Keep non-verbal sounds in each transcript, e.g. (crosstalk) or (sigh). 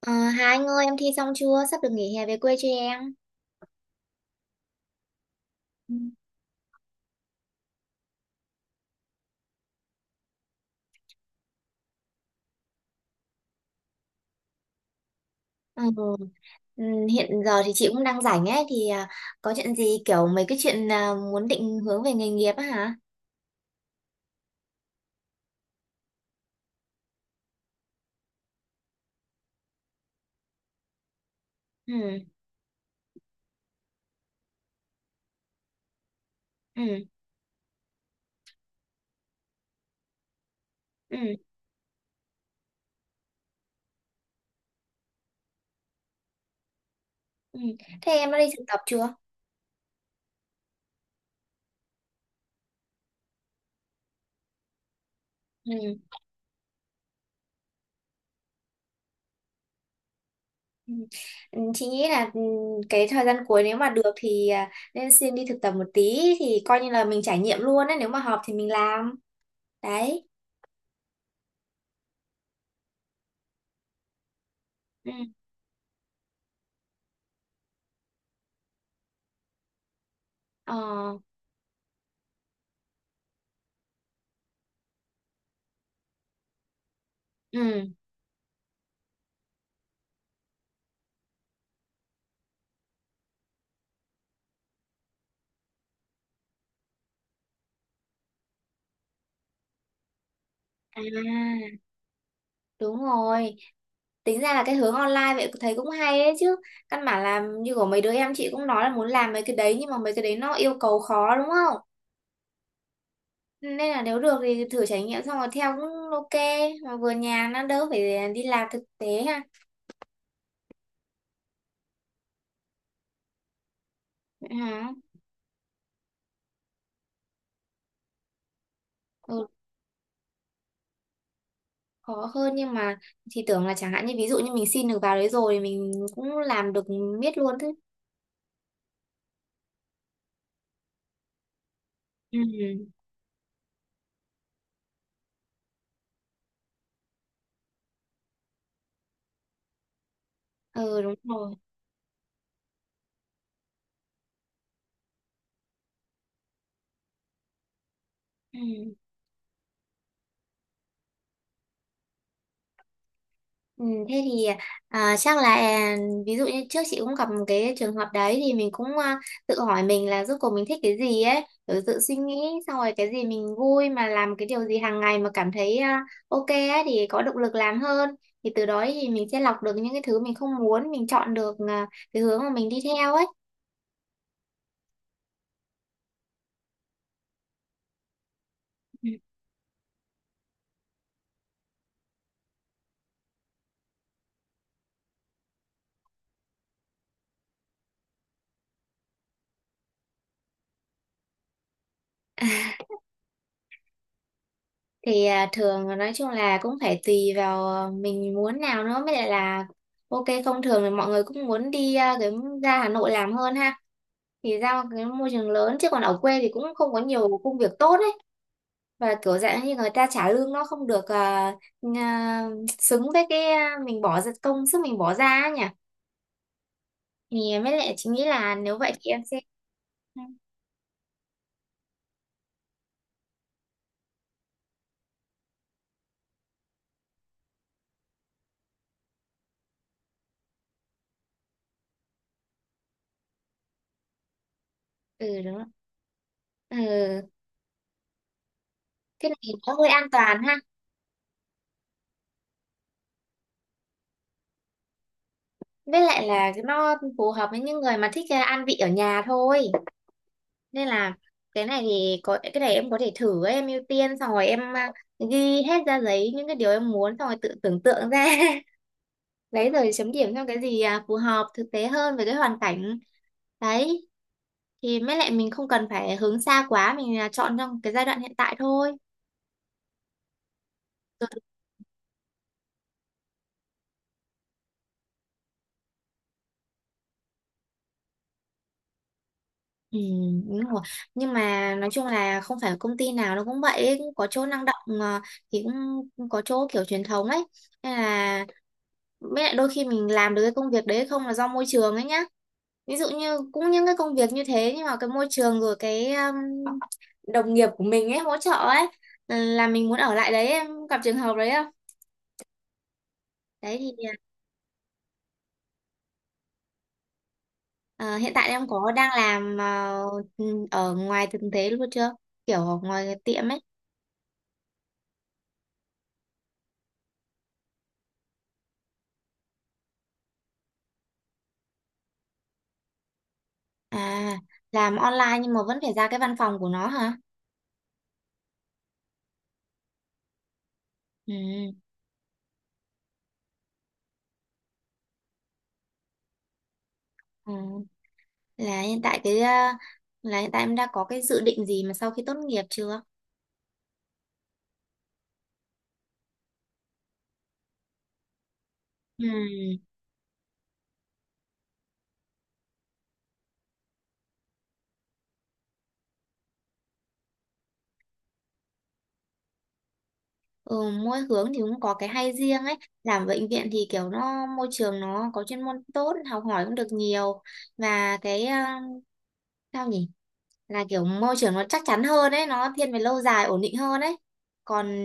Ờ, Hà Anh ơi, em thi xong chưa? Sắp được nghỉ hè về quê cho em. Ừ. Ừ. Ừ, hiện giờ thì chị cũng đang rảnh ấy thì có chuyện gì, kiểu mấy cái chuyện muốn định hướng về nghề nghiệp á hả? Ừ, ừ, ừ, ừ. Thế em đã đi thực tập chưa? Ừ. Ừ. Ừ, chị nghĩ là cái thời gian cuối nếu mà được thì nên xin đi thực tập một tí thì coi như là mình trải nghiệm luôn ấy, nếu mà hợp thì mình làm. Đấy. Ừ. Ờ. Ừ. À, đúng rồi. Tính ra là cái hướng online vậy thấy cũng hay ấy chứ, căn bản là như của mấy đứa em chị cũng nói là muốn làm mấy cái đấy, nhưng mà mấy cái đấy nó yêu cầu khó đúng không, nên là nếu được thì thử trải nghiệm xong rồi theo cũng ok, mà vừa nhà nó đỡ phải đi làm thực tế ha. Vậy hả? Ừ, khó hơn nhưng mà thì tưởng là chẳng hạn như ví dụ như mình xin được vào đấy rồi thì mình cũng làm được miết luôn thế. Ừ, ừ đúng rồi. Ừ. Ừ, thế thì chắc là ví dụ như trước chị cũng gặp một cái trường hợp đấy thì mình cũng tự hỏi mình là rốt cuộc mình thích cái gì ấy, rồi tự suy nghĩ, xong rồi cái gì mình vui mà làm, cái điều gì hàng ngày mà cảm thấy ok ấy, thì có động lực làm hơn, thì từ đó thì mình sẽ lọc được những cái thứ mình không muốn, mình chọn được cái hướng mà mình đi theo ấy. Ừ. Thì thường nói chung là cũng phải tùy vào mình muốn nào nữa mới lại là ok không, thường thì mọi người cũng muốn đi cái ra Hà Nội làm hơn ha, thì ra một cái môi trường lớn, chứ còn ở quê thì cũng không có nhiều công việc tốt ấy, và kiểu dạng như người ta trả lương nó không được à, xứng với cái mình bỏ ra, công sức mình bỏ ra ấy nhỉ, thì mới lại chị nghĩ là nếu vậy thì em sẽ. Ừ đúng rồi. Ừ, cái này nó hơi an toàn ha, với lại là nó phù hợp với những người mà thích ăn vị ở nhà thôi, nên là cái này thì có cái này em có thể thử ấy, em ưu tiên xong rồi em ghi hết ra giấy những cái điều em muốn, xong rồi tự tưởng tượng ra (laughs) đấy, rồi chấm điểm theo cái gì phù hợp thực tế hơn với cái hoàn cảnh đấy, thì mới lại mình không cần phải hướng xa quá, mình chọn trong cái giai đoạn hiện tại thôi. Ừ, đúng rồi. Nhưng mà nói chung là không phải công ty nào nó cũng vậy ấy. Cũng có chỗ năng động, thì cũng cũng có chỗ kiểu truyền thống ấy, nên là với lại đôi khi mình làm được cái công việc đấy không là do môi trường ấy nhá. Ví dụ như cũng những cái công việc như thế, nhưng mà cái môi trường rồi cái đồng nghiệp của mình ấy hỗ trợ ấy, là mình muốn ở lại đấy, em gặp trường hợp đấy không? Đấy thì. Ờ, hiện tại em có đang làm ở ngoài thực tế luôn chưa, kiểu ở ngoài cái tiệm ấy? À, làm online nhưng mà vẫn phải ra cái văn phòng của nó hả? Ừ, ừ. Là hiện tại cái là hiện tại em đã có cái dự định gì mà sau khi tốt nghiệp chưa? Ừ. Ừ, mỗi hướng thì cũng có cái hay riêng ấy. Làm bệnh viện thì kiểu nó môi trường nó có chuyên môn tốt, học hỏi cũng được nhiều, và cái sao nhỉ, là kiểu môi trường nó chắc chắn hơn ấy, nó thiên về lâu dài ổn định hơn ấy. Còn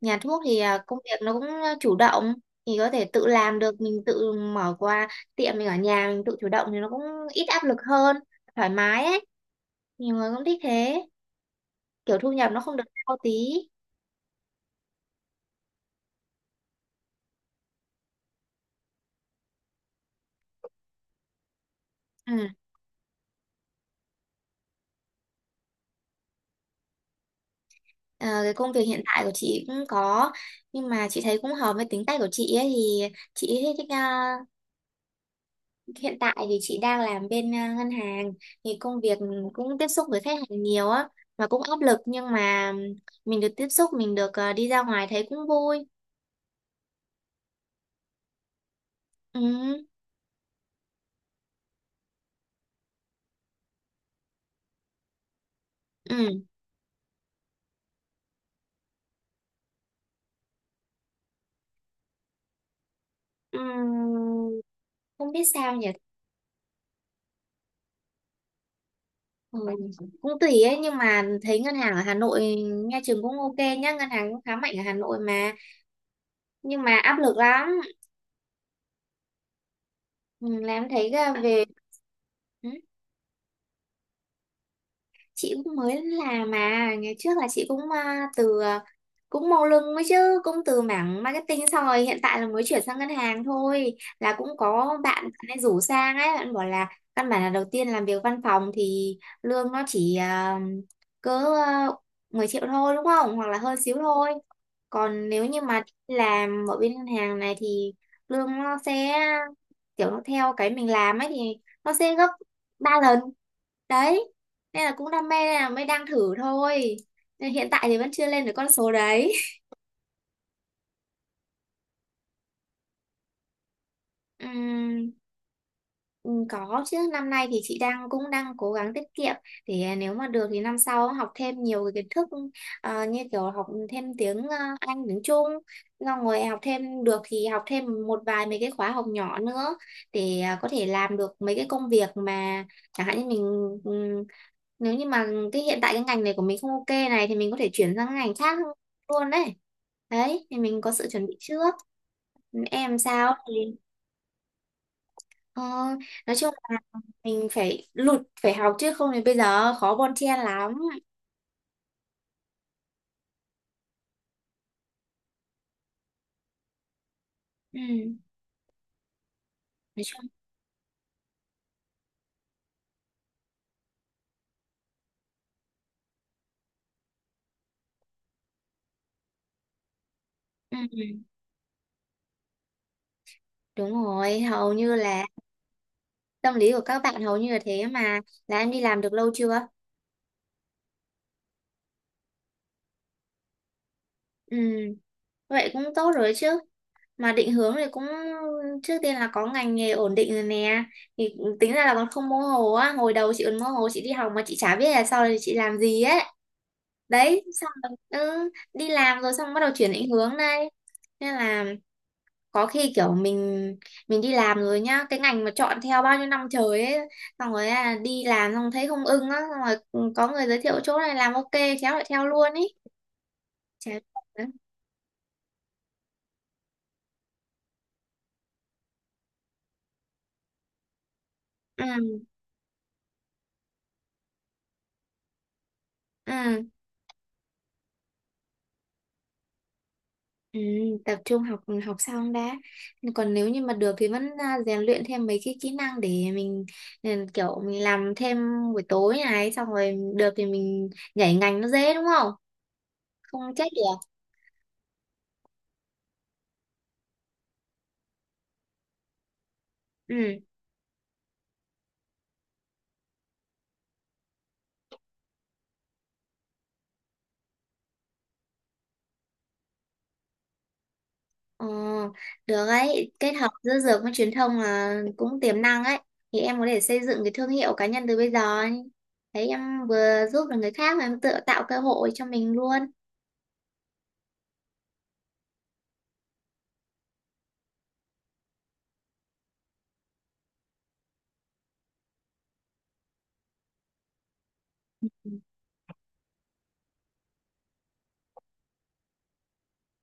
nhà thuốc thì công việc nó cũng chủ động, thì có thể tự làm được, mình tự mở qua tiệm mình ở nhà, mình tự chủ động thì nó cũng ít áp lực hơn, thoải mái ấy, nhiều người cũng thích thế, kiểu thu nhập nó không được cao tí. Ừ. Ờ, cái công việc hiện tại của chị cũng có, nhưng mà chị thấy cũng hợp với tính cách của chị ấy, thì chị thích hiện tại thì chị đang làm bên ngân hàng, thì công việc cũng tiếp xúc với khách hàng nhiều á, và cũng áp lực nhưng mà mình được tiếp xúc, mình được đi ra ngoài thấy cũng vui. Ừ, ừ, ừ, không biết sao nhỉ. Ừ, cũng tùy ấy, nhưng mà thấy ngân hàng ở Hà Nội nghe chừng cũng ok nhá, ngân hàng cũng khá mạnh ở Hà Nội mà, nhưng mà áp lực lắm. Ừ, làm thấy là về. ừ, chị cũng mới làm mà, ngày trước là chị cũng từ cũng màu lưng mới chứ, cũng từ mảng marketing xong rồi hiện tại là mới chuyển sang ngân hàng thôi, là cũng có bạn bạn ấy rủ sang ấy, bạn bảo là căn bản là đầu tiên làm việc văn phòng thì lương nó chỉ cỡ 10 triệu thôi đúng không, hoặc là hơn xíu thôi, còn nếu như mà làm ở bên ngân hàng này thì lương nó sẽ kiểu nó theo cái mình làm ấy, thì nó sẽ gấp 3 lần đấy, nên là cũng đam mê nên là mới đang thử thôi, nên hiện tại thì vẫn chưa lên được con số đấy. (laughs) Ừm, ừ, có chứ, năm nay thì chị cũng đang cố gắng tiết kiệm, để nếu mà được thì năm sau học thêm nhiều cái kiến thức, như kiểu học thêm tiếng Anh, tiếng Trung, xong rồi học thêm được thì học thêm một vài mấy cái khóa học nhỏ nữa, để có thể làm được mấy cái công việc mà chẳng hạn như mình. ừ, nếu như mà cái hiện tại cái ngành này của mình không ok này thì mình có thể chuyển sang cái ngành khác luôn đấy. Đấy thì mình có sự chuẩn bị trước. Em sao? Ờ, nói chung là mình phải lụt phải học, chứ không thì bây giờ khó bon chen lắm. Ừ, nói chung. Ừ, đúng rồi, hầu như là tâm lý của các bạn hầu như là thế mà. Là em đi làm được lâu chưa? Ừ, vậy cũng tốt rồi chứ, mà định hướng thì cũng trước tiên là có ngành nghề ổn định rồi nè, thì tính ra là còn không mơ hồ á, hồi đầu chị còn mơ hồ, chị đi học mà chị chả biết là sau này chị làm gì ấy. Đấy, xong rồi đi làm rồi, xong bắt đầu chuyển định hướng đây, nên là có khi kiểu mình đi làm rồi nhá, cái ngành mà chọn theo bao nhiêu năm trời ấy, xong rồi đi làm xong thấy không ưng á, xong rồi có người giới thiệu chỗ này làm ok, khéo lại theo luôn ý, chả. Ừ, ừ, ừ, ừ, tập trung học, học xong đã, còn nếu như mà được thì vẫn rèn luyện thêm mấy cái kỹ năng để mình. Ừ, kiểu mình làm thêm buổi tối này xong rồi được thì mình nhảy ngành nó dễ đúng không, không chết được. Ừ. Ờ, được ấy, kết hợp giữa dược với truyền thông là cũng tiềm năng ấy. Thì em có thể xây dựng cái thương hiệu cá nhân từ bây giờ ấy. Thấy em vừa giúp được người khác mà em tự tạo cơ hội cho mình luôn.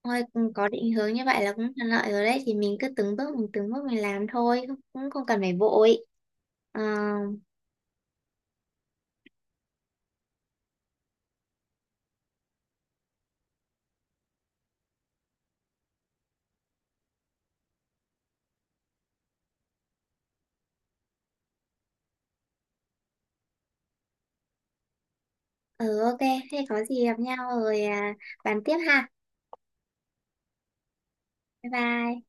Thôi ừ, có định hướng như vậy là cũng thuận lợi rồi đấy. Thì mình cứ từng bước mình làm thôi, cũng không cần phải vội. Ờ, ừ ok, thế có gì gặp nhau rồi bàn tiếp ha. Bye bye.